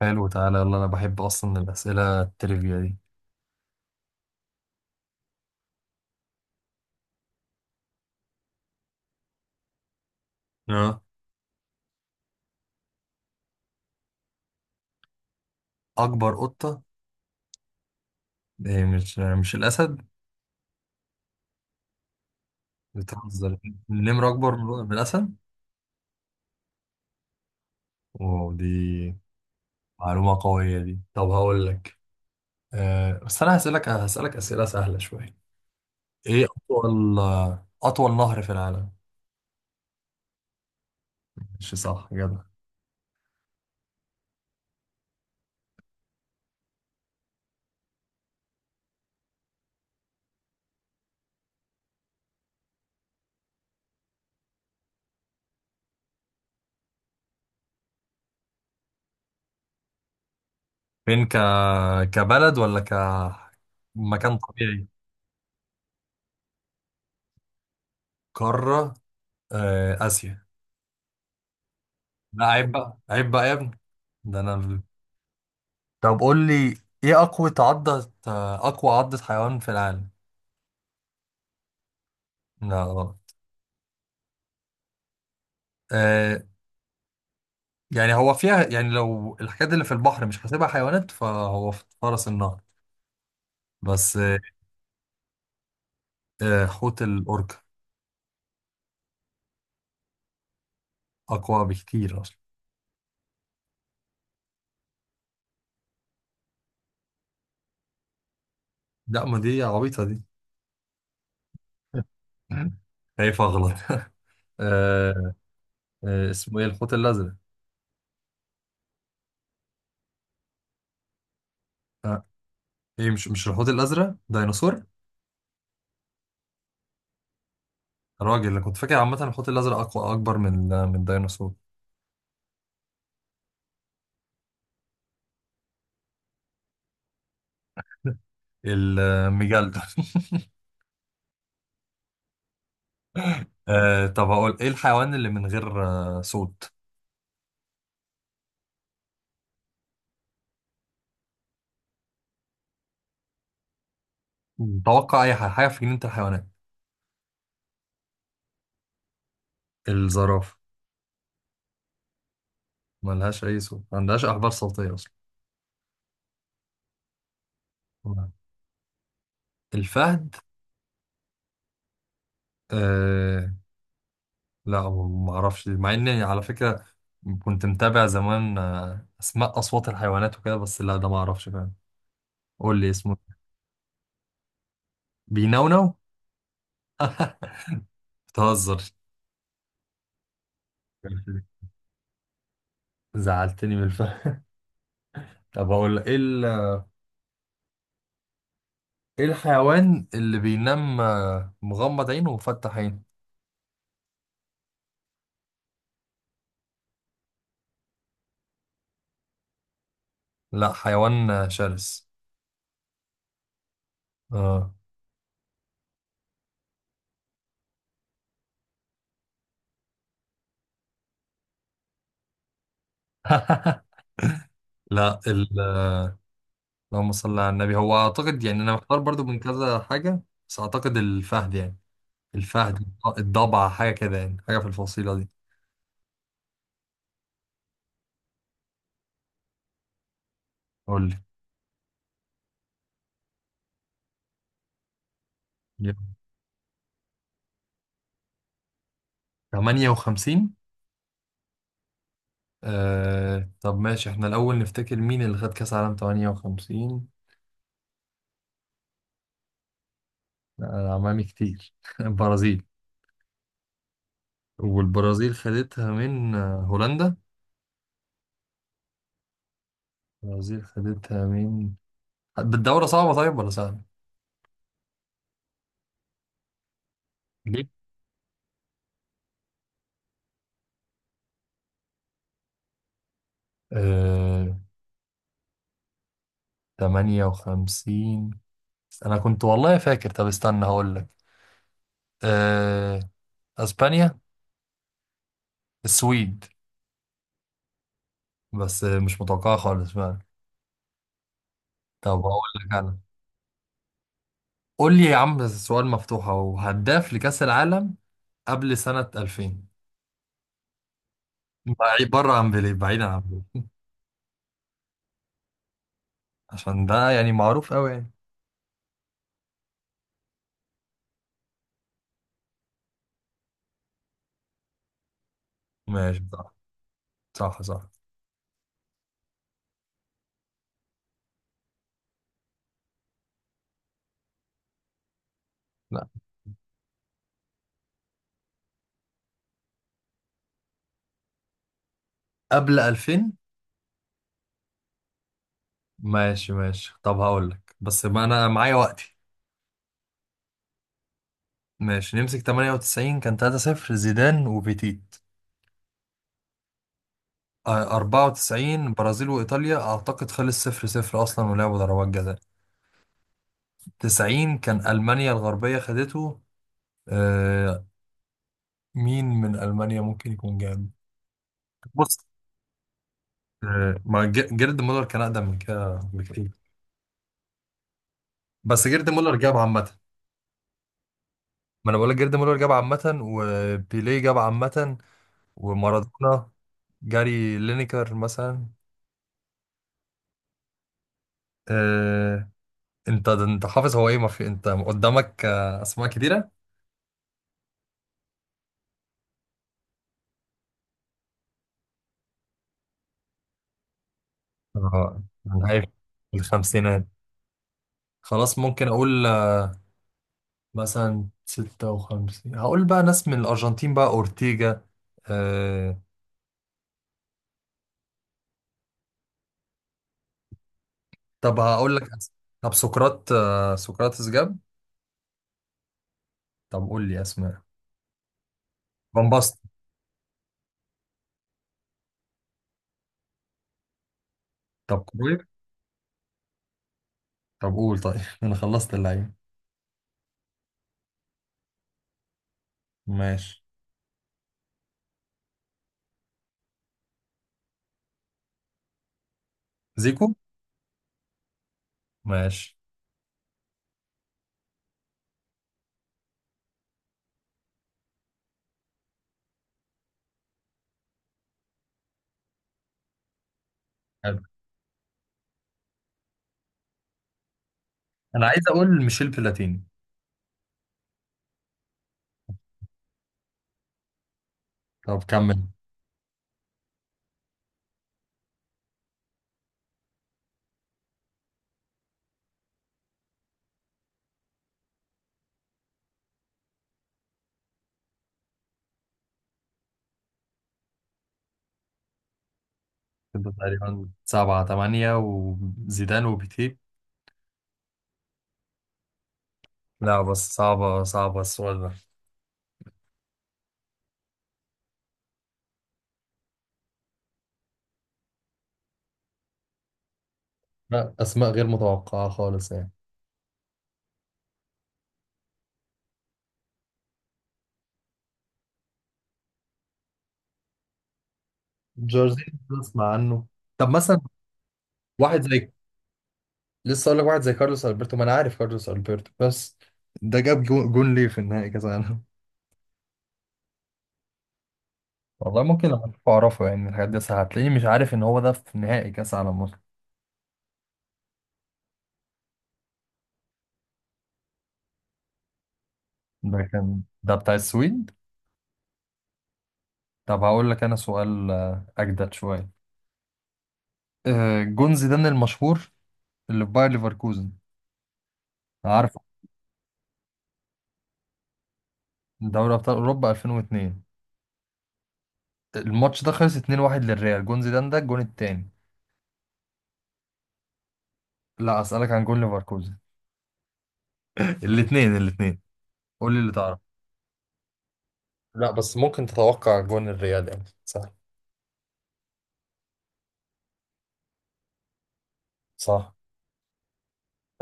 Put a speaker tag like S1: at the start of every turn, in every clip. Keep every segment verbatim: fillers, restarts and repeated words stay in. S1: حلو، تعالى يلا. انا بحب اصلا الاسئله التريفيا دي. اه. اكبر قطه؟ إيه، مش مش الاسد؟ بتهزر. النمر اكبر من الاسد. واو، دي معلومه قويه دي. طب هقول لك. أه بس انا هسالك هسالك اسئله سهله شويه. ايه اطول؟ اطول نهر في العالم؟ مش صح جدع. فين؟ ك كبلد ولا ك مكان طبيعي؟ قاره. أه، اسيا. لا عيب بقى عيب بقى يا ابني، ده انا. طب قول لي، ايه اقوى عضة؟ اقوى عضة حيوان في العالم؟ لا غلط. آه، يعني هو فيها يعني، لو الحاجات اللي في البحر مش حاسبها حيوانات فهو في فرس النهر بس. آه، آه، حوت الاوركا. اقوى بكتير اصلا. لا، ما دي عبيطة دي. خايف اغلط. آه. آه اسمه ايه، الحوت الازرق. آه، ايه، مش مش الحوت الازرق، ديناصور. الراجل اللي كنت فاكر عامة، الحوت الازرق اقوى، اكبر من من الديناصور. الميجالدون. آه طب هقول ايه الحيوان اللي من غير آه صوت. مم. توقع اي حاجه، حاجه في جنينه الحيوانات. الزرافه. ملهاش اي صوت، ما عندهاش احبال صوتيه اصلا. مم. الفهد. آه، لا ما اعرفش، مع اني على فكره كنت متابع زمان آه اسماء اصوات الحيوانات وكده، بس لا ده ما اعرفش فعلا. قول لي اسمه. بينونو؟ بتهزر. زعلتني من الفهد. طب اقول لك ايه ال- ايه الحيوان اللي بينام آه، مغمض عينه ومفتح عينه؟ لا حيوان شرس. اه. لا ال... اللهم صل على النبي، هو اعتقد يعني، انا محتار برضو من كذا حاجه، بس اعتقد الفهد يعني. الفهد، الضبع، حاجه كده يعني، حاجه في الفصيله دي. قول لي. يلا. تمانية وخمسين؟ آه... طب ماشي، احنا الاول نفتكر مين اللي خد كاس عالم تمانية وخمسين. لا أنا عمامي كتير. البرازيل. والبرازيل خدتها من آه، هولندا. البرازيل خدتها من. بالدوره صعبه طيب ولا سهله؟ ليه؟ تمانية وخمسين. أنا كنت والله فاكر. طب استنى هقول لك. أه... أسبانيا. السويد. بس مش متوقعة خالص فعلا. طب هقول لك أنا. قول لي يا عم سؤال مفتوح، أهو هداف لكأس العالم قبل سنة الفين. بعيد بره عن بيليه، بعيدا عن بيليه. عشان ده يعني معروف أوي يعني. ماشي. صح، صح، صح. لا قبل الفين. ماشي، ماشي. طب هقول لك، بس ما أنا معايا وقتي. ماشي، نمسك تمانية وتسعين كان ثلاثة صفر، زيدان وبيتيت. آه، اربعة وتسعين برازيل وإيطاليا أعتقد خلص صفر صفر أصلا، ولعبوا ضربات جزاء. تسعين كان ألمانيا الغربية خدته. آه، مين من ألمانيا ممكن يكون جاب؟ بص. آه ما ج- جيرد مولر كان أقدم من كده بكتير. بس جيرد مولر جاب عامة. ما أنا بقول لك جيرد مولر جاب عامة، وبيليه جاب عامة. ومارادونا. جاري لينيكر مثلا. آه. أنت أنت حافظ، هو إيه، ما في أنت قدامك آه، أسماء كتيرة. آه، من هاي الخمسينات. خلاص ممكن اقول مثلا ستة وخمسين. هقول بقى ناس من الارجنتين، بقى اورتيجا. آه... طب هقول لك أس- طب سقراط آه... سقراطس جاب. طب قول لي اسماء. فان باستن. طب كرويف. طب قول طيب. انا خلصت اللعيبه. ماشي. زيكو. ماشي. حلو. انا عايز اقول ميشيل بلاتيني. طب كمل. كده تقريبا سبعة تمانية، وزيدان وبيتي. لا بس صعبة صعبة السؤال ده. لا أسماء غير متوقعة خالص يعني. جورجينيو بسمع عنه. طب مثلا، واحد زي لسه اقول لك واحد زي كارلوس البرتو. ما انا عارف كارلوس البرتو بس. ده جاب جو- جون ليه في النهائي كاس العالم. والله ممكن لما تشوفه اعرفه يعني، من الحاجات دي، بس هتلاقيني مش عارف ان هو ده في نهائي كاس العالم اصلا. ده كان ده بتاع السويد. طب هقول لك انا سؤال آه، اجدد شويه. آه، جون زيدان المشهور، اللي في باير ليفركوزن. عارفه. دوري ابطال اوروبا الفين واتنين. الماتش ده خلص اتنين واحد للريال. جون زيدان ده الجون التاني. لا اسالك عن جون ليفركوزن. الاثنين الاثنين. قول لي اللي تعرف. لا بس ممكن تتوقع جون الريال يعني سهل. صح.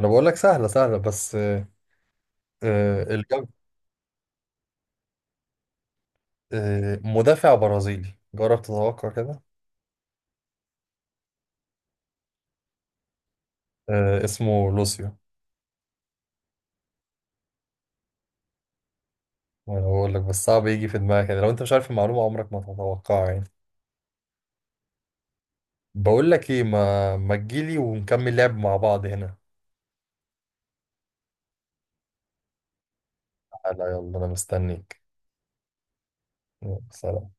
S1: انا بقول لك سهله سهله بس. آه، آه، الجاب. آه، مدافع برازيلي، جرب تتوقع كده. آه، اسمه لوسيو. وانا بقول لك بس صعب يجي في دماغك يعني، لو انت مش عارف المعلومه عمرك ما تتوقعها يعني. بقول لك ايه، ما ما تجيلي ونكمل لعب مع بعض هنا. لا يلا انا مستنيك. يلا، سلام.